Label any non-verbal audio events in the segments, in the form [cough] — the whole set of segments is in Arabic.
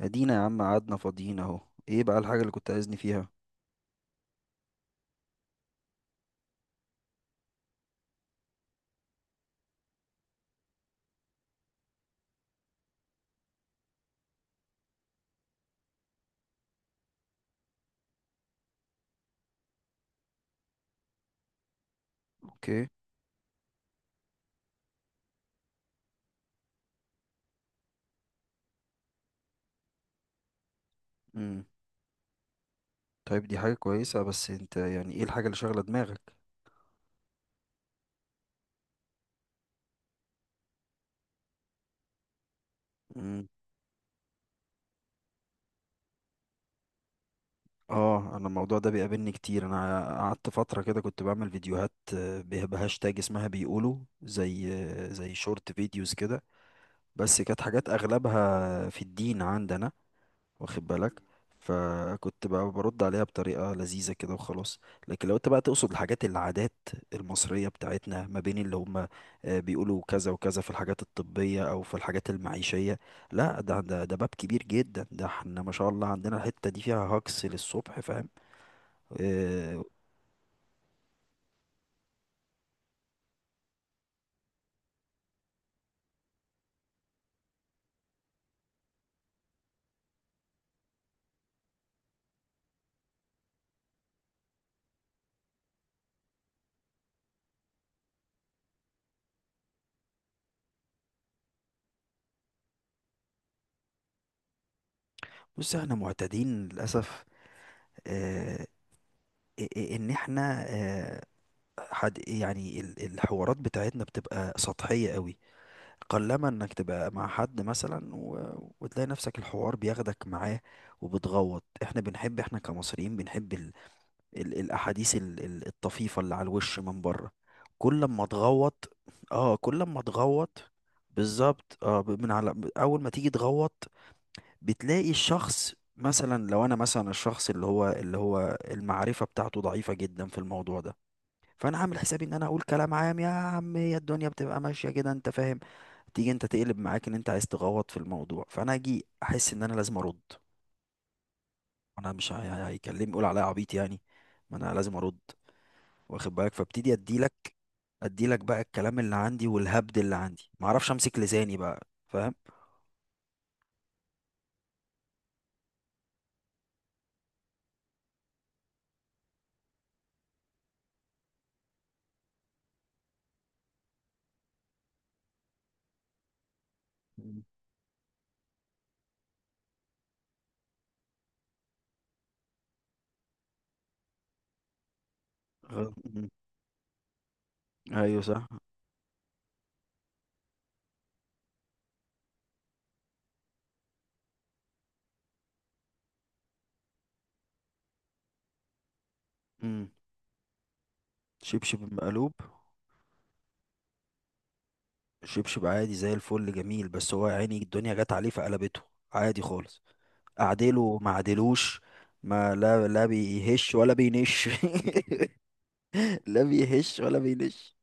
ادينا يا عم قعدنا فاضيين اهو. ايه بقى الحاجة اللي كنت عايزني فيها؟ اوكي. امم. طيب دي حاجة كويسة، بس انت يعني ايه الحاجة اللي شاغلة دماغك؟ امم. اه، انا الموضوع ده بيقابلني كتير. انا قعدت فترة كده كنت بعمل فيديوهات بهاشتاج اسمها بيقولوا زي زي شورت فيديوز كده. بس كانت حاجات اغلبها في الدين عندنا، واخد بالك؟ فكنت بقى برد عليها بطريقة لذيذة كده وخلاص. لكن لو انت بقى تقصد الحاجات، العادات المصرية بتاعتنا، ما بين اللي هم بيقولوا كذا وكذا في الحاجات الطبية او في الحاجات المعيشية، لا ده باب كبير جدا. ده احنا ما شاء الله عندنا الحتة دي فيها هجص للصبح، فاهم؟ آه. بص، احنا معتادين للأسف، آه، ان احنا، آه، حد يعني الحوارات بتاعتنا بتبقى سطحية قوي. قلما انك تبقى مع حد مثلا و... وتلاقي نفسك الحوار بياخدك معاه، وبتغوط. احنا بنحب، احنا كمصريين بنحب الاحاديث الطفيفة اللي على الوش من بره. كل ما تغوط، اه كل ما تغوط بالظبط. اه، من على اول ما تيجي تغوط، بتلاقي الشخص مثلا، لو انا مثلا، الشخص اللي هو المعرفة بتاعته ضعيفة جدا في الموضوع ده، فانا عامل حسابي ان انا اقول كلام عام. يا عم هي الدنيا بتبقى ماشيه كده، انت فاهم. تيجي انت تقلب معاك ان انت عايز تغوط في الموضوع، فانا اجي احس ان انا لازم ارد. انا مش هيكلمني يقول عليا عبيط يعني، ما انا لازم ارد، واخد بالك؟ فابتدي اديلك، اديلك بقى الكلام اللي عندي والهبد اللي عندي، ما اعرفش امسك لساني بقى، فاهم؟ مم. مم. ايوه صح. مم. شبشب مقلوب. شبشب عادي زي الفل، جميل. بس هو يا عيني الدنيا جت عليه فقلبته، عادي خالص. اعدله ما عدلوش، ما لا بيهش ولا بينش. [laughs] لا بيهش ولا بينش.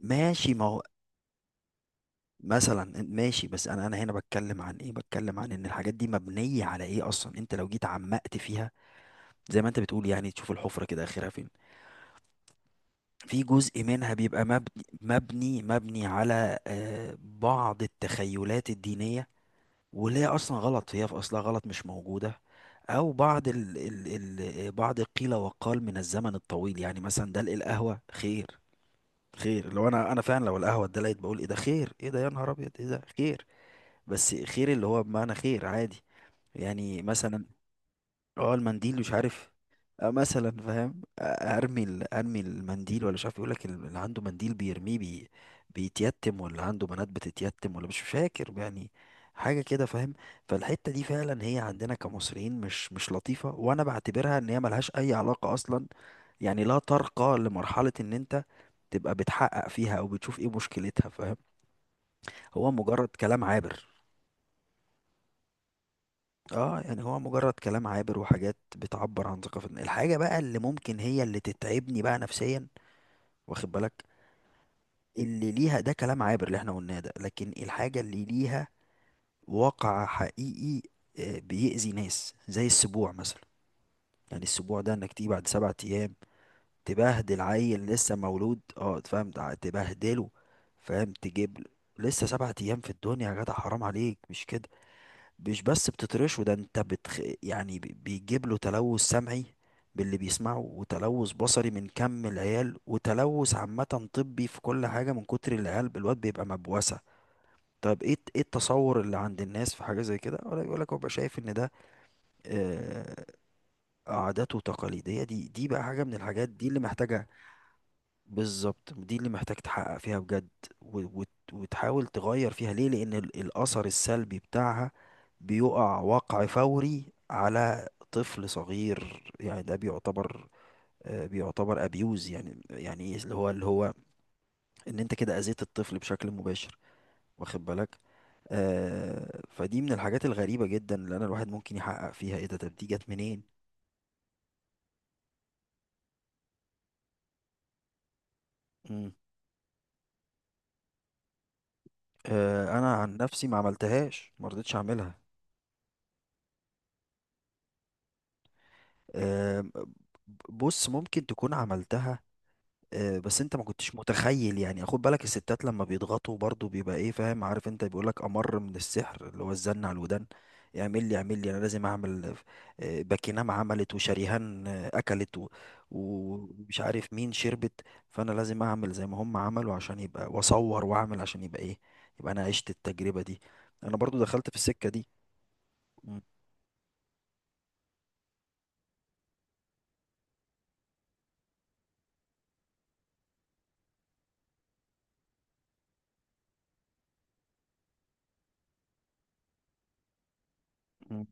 ماشي ما هو، مثلا ماشي. بس انا هنا بتكلم عن ايه، بتكلم عن ان الحاجات دي مبنية على ايه اصلا. انت لو جيت عمقت فيها، زي ما انت بتقول، يعني تشوف الحفرة كده اخرها فين. في جزء منها بيبقى مبني على، آه، بعض التخيلات الدينية، واللي هي اصلا غلط. هي في اصلها غلط، مش موجوده. او بعض ال بعض القيل والقال من الزمن الطويل. يعني مثلا دلق القهوه خير. خير، لو انا فعلا لو القهوه اتدلقت بقول: ايه ده خير، ايه ده يا نهار ابيض، ايه ده خير. بس خير اللي هو بمعنى خير عادي. يعني مثلا، اه، المنديل، مش عارف، آه مثلا فاهم. آه، ارمي ارمي المنديل، ولا مش عارف، يقولك اللي عنده منديل بيرميه بيتيتم، ولا عنده بنات بتتيتم، ولا مش فاكر يعني، حاجة كده فاهم. فالحتة دي فعلا هي عندنا كمصريين مش مش لطيفة، وانا بعتبرها ان هي ملهاش اي علاقة اصلا. يعني لا ترقى لمرحلة ان انت تبقى بتحقق فيها او بتشوف ايه مشكلتها، فاهم؟ هو مجرد كلام عابر. اه، يعني هو مجرد كلام عابر وحاجات بتعبر عن ثقافتنا. الحاجة بقى اللي ممكن هي اللي تتعبني بقى نفسيا، واخد بالك، اللي ليها، ده كلام عابر اللي احنا قلناه ده، لكن الحاجة اللي ليها واقع حقيقي، آه، بيأذي ناس، زي السبوع مثلا. يعني السبوع ده انك تيجي بعد 7 ايام تبهدل عيل لسه مولود، اه فاهم، تبهدله. فاهم، تجيب له، لسه سبعة ايام في الدنيا يا جدع، حرام عليك، مش كده؟ مش بس بتطرشه، ده انت بتخ... يعني بيجيب له تلوث سمعي باللي بيسمعه، وتلوث بصري من كم العيال، وتلوث عامة طبي في كل حاجة من كتر العيال. الواد بيبقى مبوسة. طب ايه، ايه التصور اللي عند الناس في حاجة زي كده؟ ولا يقول لك هو بقى شايف ان ده، آه، عادات وتقاليد. هي دي بقى حاجة من الحاجات دي اللي محتاجة، بالظبط، دي اللي محتاج تحقق فيها بجد. وتحاول تغير فيها. ليه؟ لأن الأثر السلبي بتاعها بيقع وقع فوري على طفل صغير. يعني ده بيعتبر، آه، بيعتبر أبيوز. يعني يعني إيه؟ اللي هو إن أنت كده أذيت الطفل بشكل مباشر، واخد بالك. آه، فدي من الحاجات الغريبة جدا اللي أنا الواحد ممكن يحقق فيها، إيه ده؟ طب دي جت منين؟ مم. آه، أنا عن نفسي ما عملتهاش، ما رضيتش أعملها. آم. بص، ممكن تكون عملتها، آه، بس انت ما كنتش متخيل. يعني خد بالك، الستات لما بيضغطوا برضو بيبقى ايه، فاهم؟ عارف انت بيقول لك امر من السحر، اللي هو الزن على الودان. اعمل لي، اعمل لي، انا لازم اعمل، آه، باكينام عملت وشريهان، آه، اكلت، و... ومش عارف مين شربت. فانا لازم اعمل زي ما هم عملوا، عشان يبقى، واصور واعمل عشان يبقى ايه، يبقى انا عشت التجربة دي، انا برضو دخلت في السكة دي. م- م-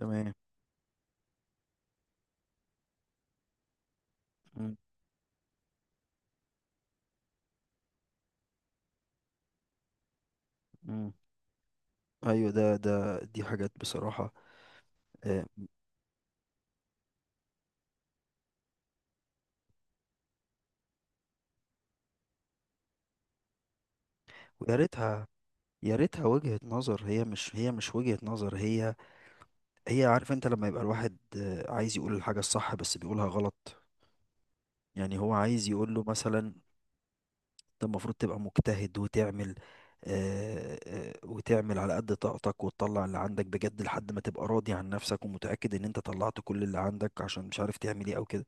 تمام. م- م. ايوه، ده دي حاجات بصراحه، آه. ويا ريتها، يا ريتها وجهه نظر. هي مش وجهه نظر. هي، هي عارف انت لما يبقى الواحد، آه، عايز يقول الحاجه الصح بس بيقولها غلط. يعني هو عايز يقول له مثلا: انت المفروض تبقى مجتهد وتعمل، وتعمل على قد طاقتك وتطلع اللي عندك بجد، لحد ما تبقى راضي عن نفسك ومتاكد ان انت طلعت كل اللي عندك، عشان مش عارف تعمل ايه او كده.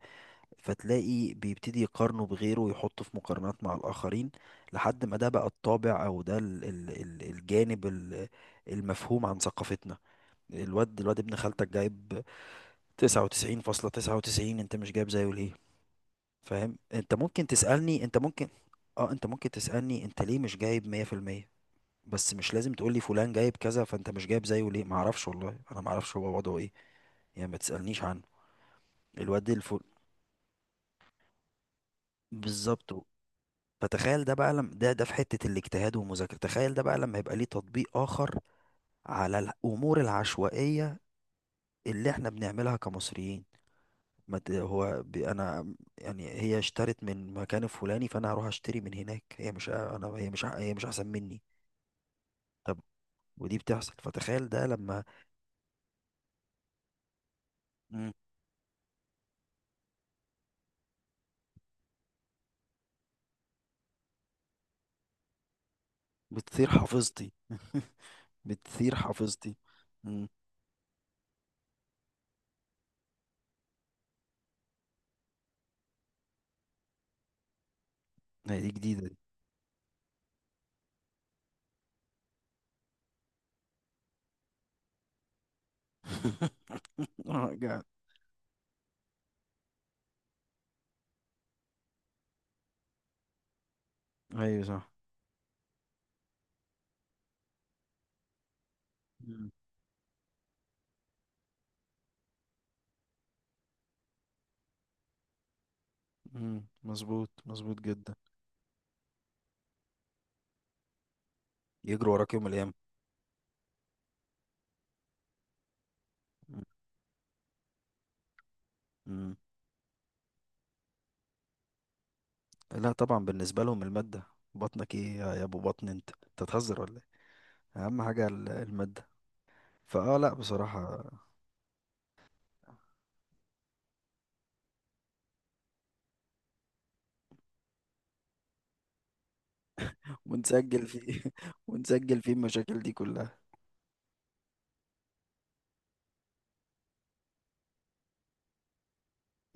فتلاقي بيبتدي يقارنه بغيره ويحطه في مقارنات مع الآخرين، لحد ما ده بقى الطابع، أو ده ال ال ال الجانب المفهوم عن ثقافتنا. الواد، ابن خالتك جايب 99.99، أنت مش جايب زيه ليه؟ فاهم؟ أنت ممكن تسألني، أنت ممكن اه أنت ممكن تسألني: أنت ليه مش جايب 100%؟ بس مش لازم تقولي فلان جايب كذا فأنت مش جايب زيه ليه. معرفش، والله أنا معرفش هو وضعه إيه، يعني ما تسألنيش عنه. الواد الفل، بالظبط. فتخيل ده بقى لم، ده ده في حتة الاجتهاد والمذاكرة، تخيل ده بقى لما يبقى ليه تطبيق آخر، على الأمور العشوائية اللي احنا بنعملها كمصريين. ما ت- هو ب- انا يعني، هي اشترت من مكان الفلاني، فانا هروح اشتري من هناك. هي مش، انا هي مش احسن مني. طب. ودي بتحصل، فتخيل ده لما، مم. بتثير حافظتي. [laughs] بتثير حافظتي. مم. هي دي جديدة دي. [laughs] آه، ايوه صح. مم. مم. مظبوط، مظبوط جدا. يجروا وراك يوم الايام. مم. مم. لا طبعا، بالنسبه لهم الماده. بطنك ايه يا، ابو بطن، انت، تهزر ولا ايه؟ اهم حاجه الماده. فاه، لا بصراحه. [laughs] ونسجل فيه. [laughs] ونسجل فيه المشاكل دي كلها.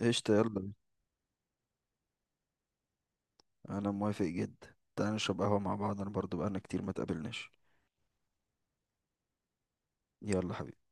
قشطة، يلا. انا موافق جدا. تعال نشرب قهوة مع بعض، انا برضو بقالنا كتير ما تقابلناش. يلا حبيبي.